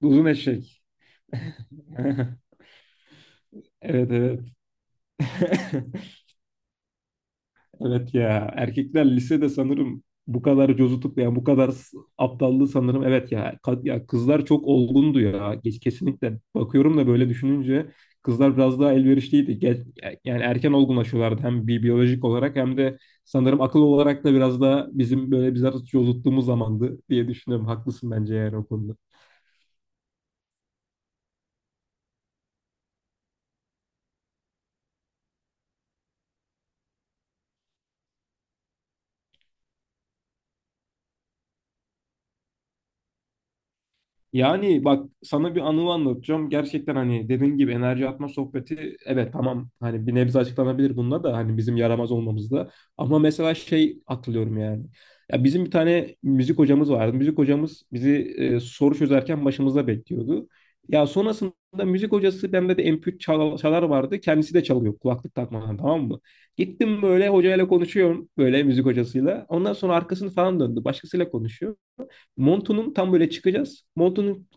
Uzun eşek. Evet, evet. Evet ya, erkekler lisede sanırım bu kadar cozutup ya bu kadar aptallığı sanırım, evet ya, ya kızlar çok olgundu ya geç, kesinlikle bakıyorum da böyle düşününce kızlar biraz daha elverişliydi. Yani erken olgunlaşıyorlardı, hem biyolojik olarak hem de sanırım akıl olarak da. Biraz daha bizim böyle bizler cozuttuğumuz zamandı diye düşünüyorum, haklısın bence yani o konuda. Yani bak, sana bir anı anlatacağım. Gerçekten hani dediğim gibi enerji atma sohbeti, evet tamam, hani bir nebze açıklanabilir bununla da hani bizim yaramaz olmamızda. Ama mesela şey hatırlıyorum yani. Ya bizim bir tane müzik hocamız vardı. Müzik hocamız bizi soru çözerken başımızda bekliyordu. Ya sonrasında müzik hocası, bende de MP3 çalar vardı. Kendisi de çalıyor, kulaklık takmadan, tamam mı? Gittim, böyle hocayla konuşuyorum, böyle müzik hocasıyla. Ondan sonra arkasını falan döndü. Başkasıyla konuşuyor. Montu'nun tam böyle çıkacağız. Montu'nun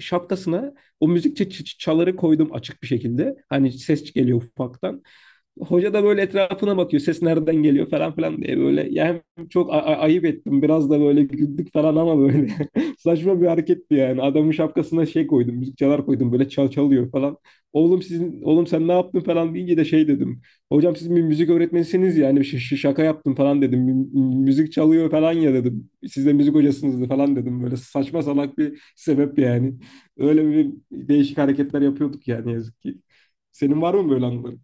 şapkasına o müzik çaları koydum, açık bir şekilde. Hani ses geliyor ufaktan. Hoca da böyle etrafına bakıyor. Ses nereden geliyor falan filan diye, böyle. Yani çok ayıp ettim. Biraz da böyle güldük falan, ama böyle. Saçma bir hareketti yani. Adamın şapkasına şey koydum. Müzik çalar koydum. Böyle çal çalıyor falan. Oğlum, sizin oğlum, sen ne yaptın falan deyince de şey dedim. Hocam, siz bir müzik öğretmenisiniz yani, şaka yaptım falan dedim. Müzik çalıyor falan ya" dedim. "Siz de müzik hocasınız" falan dedim. Böyle saçma salak bir sebep yani. Öyle bir değişik hareketler yapıyorduk yani, yazık ki. Senin var mı böyle anıların?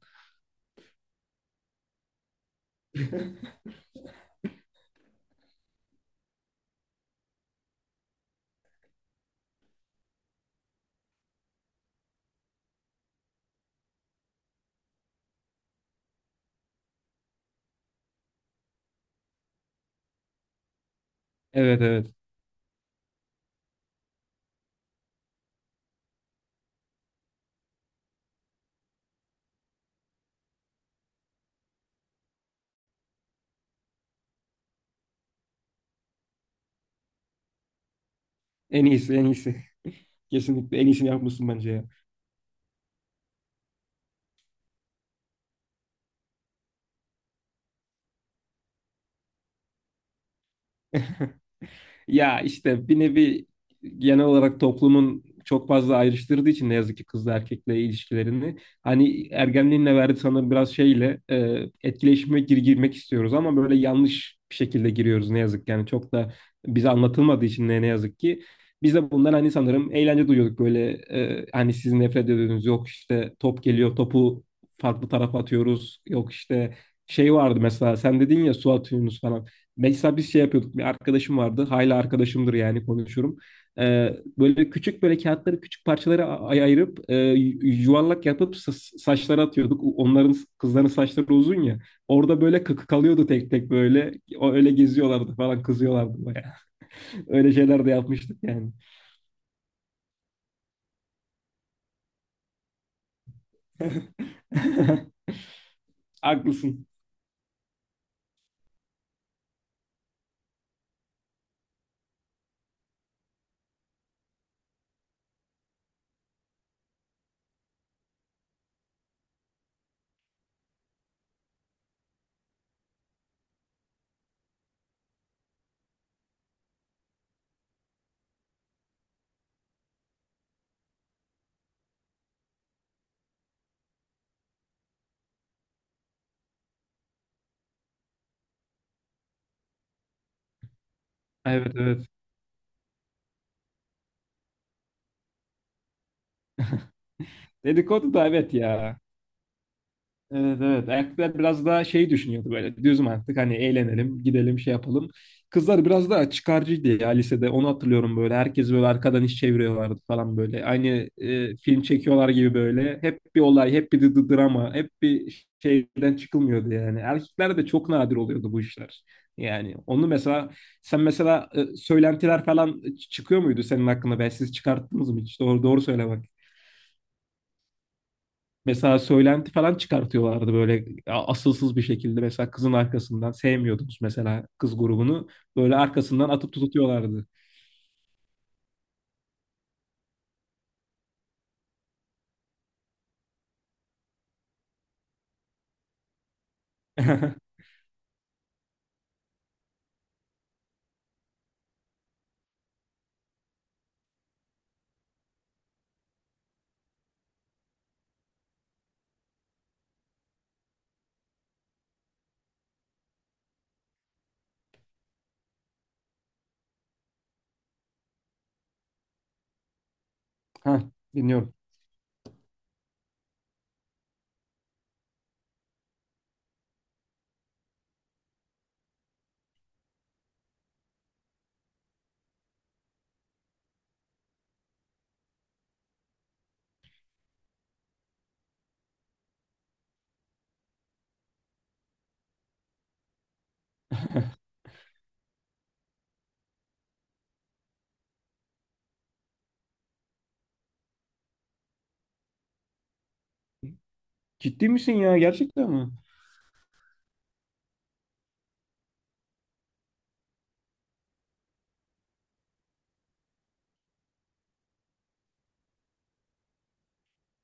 Evet, evet. En iyisi, en iyisi. Kesinlikle en iyisini yapmışsın bence ya. Ya işte bir nevi, genel olarak toplumun çok fazla ayrıştırdığı için ne yazık ki kızla erkekle ilişkilerini, hani ergenliğinle verdi sanırım biraz şeyle, etkileşime girmek istiyoruz ama böyle yanlış bir şekilde giriyoruz, ne yazık ki. Yani çok da bize anlatılmadığı için, ne yazık ki biz de bundan hani sanırım eğlence duyuyorduk böyle. Hani sizin nefret ediyorsunuz, yok işte top geliyor, topu farklı tarafa atıyoruz, yok işte şey vardı mesela. Sen dedin ya, su atıyorsunuz falan. Mesela biz şey yapıyorduk. Bir arkadaşım vardı. Hala arkadaşımdır yani, konuşurum. Böyle küçük, böyle kağıtları küçük parçalara ayırıp yuvarlak yapıp saçlara atıyorduk. Onların, kızların saçları uzun ya. Orada böyle kıkı kalıyordu tek tek böyle. O öyle geziyorlardı falan, kızıyorlardı bayağı. Öyle şeyler de yapmıştık yani. Haklısın. Evet, evet. Dedikodu da evet ya. Evet, evet. Erkekler biraz daha şey düşünüyordu böyle. Düz mantık, hani eğlenelim, gidelim, şey yapalım. Kızlar biraz daha çıkarcıydı ya lisede. Onu hatırlıyorum böyle. Herkes böyle arkadan iş çeviriyorlardı falan böyle. Aynı film çekiyorlar gibi böyle. Hep bir olay, hep bir drama, hep bir şeyden çıkılmıyordu yani. Erkeklerde çok nadir oluyordu bu işler. Yani onu mesela, sen mesela, söylentiler falan çıkıyor muydu senin hakkında? Ben, siz çıkarttınız mı hiç? Doğru doğru söyle. Mesela söylenti falan çıkartıyorlardı böyle asılsız bir şekilde. Mesela kızın arkasından, sevmiyordunuz mesela kız grubunu. Böyle arkasından atıp tutuyorlardı. Ha, dinliyorum. Ciddi misin ya? Gerçekten mi?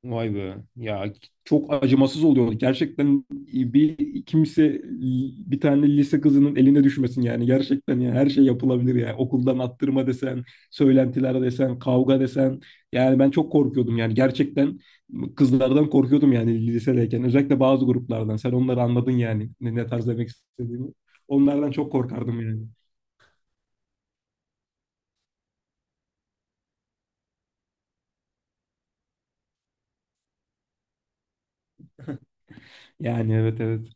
Vay be. Ya çok acımasız oluyor. Gerçekten bir kimse bir tane lise kızının eline düşmesin yani. Gerçekten ya, her şey yapılabilir ya. Okuldan attırma desen, söylentiler desen, kavga desen. Yani ben çok korkuyordum yani. Gerçekten kızlardan korkuyordum yani, lisedeyken. Özellikle bazı gruplardan. Sen onları anladın yani, ne tarz demek istediğimi. Onlardan çok korkardım yani. Yani evet, evet.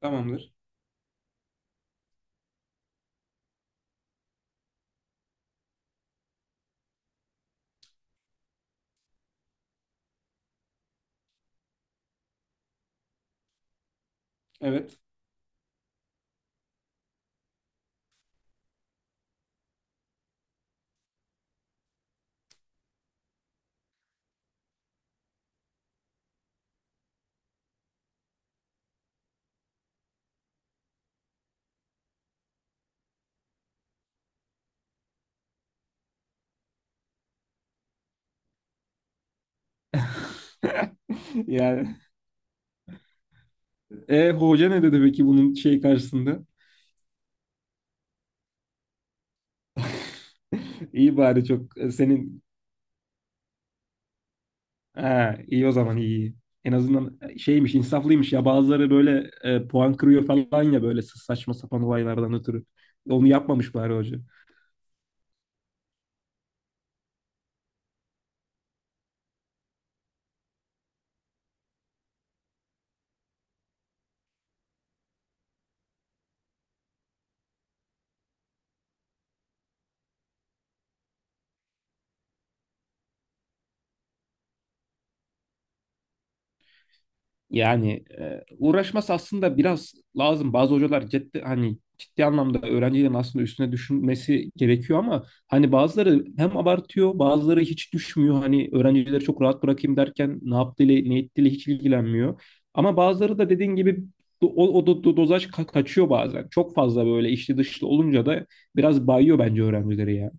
Tamamdır. Evet. Yani. E, hoca ne dedi peki bunun şey karşısında? İyi bari, çok senin, ha, iyi o zaman. İyi. İyi. En azından şeymiş, insaflıymış. Ya bazıları böyle puan kırıyor falan ya, böyle saçma sapan olaylardan ötürü. Onu yapmamış bari hoca. Yani uğraşması aslında biraz lazım. Bazı hocalar ciddi, hani ciddi anlamda öğrencilerin aslında üstüne düşünmesi gerekiyor, ama hani bazıları hem abartıyor, bazıları hiç düşmüyor. Hani öğrencileri çok rahat bırakayım derken ne yaptığıyla ne ettiğiyle hiç ilgilenmiyor. Ama bazıları da dediğin gibi dozaj kaçıyor bazen. Çok fazla böyle içli dışlı olunca da biraz bayıyor bence öğrencileri ya.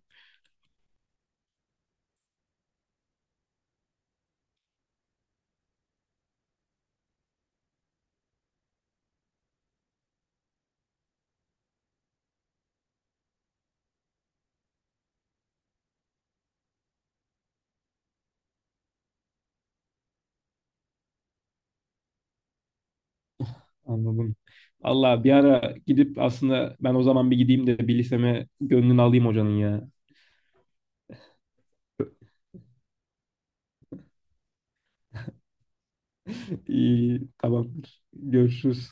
Anladım. Allah, bir ara gidip, aslında ben o zaman bir gideyim de bir liseme, gönlünü alayım hocanın ya. İyi, tamam. Görüşürüz.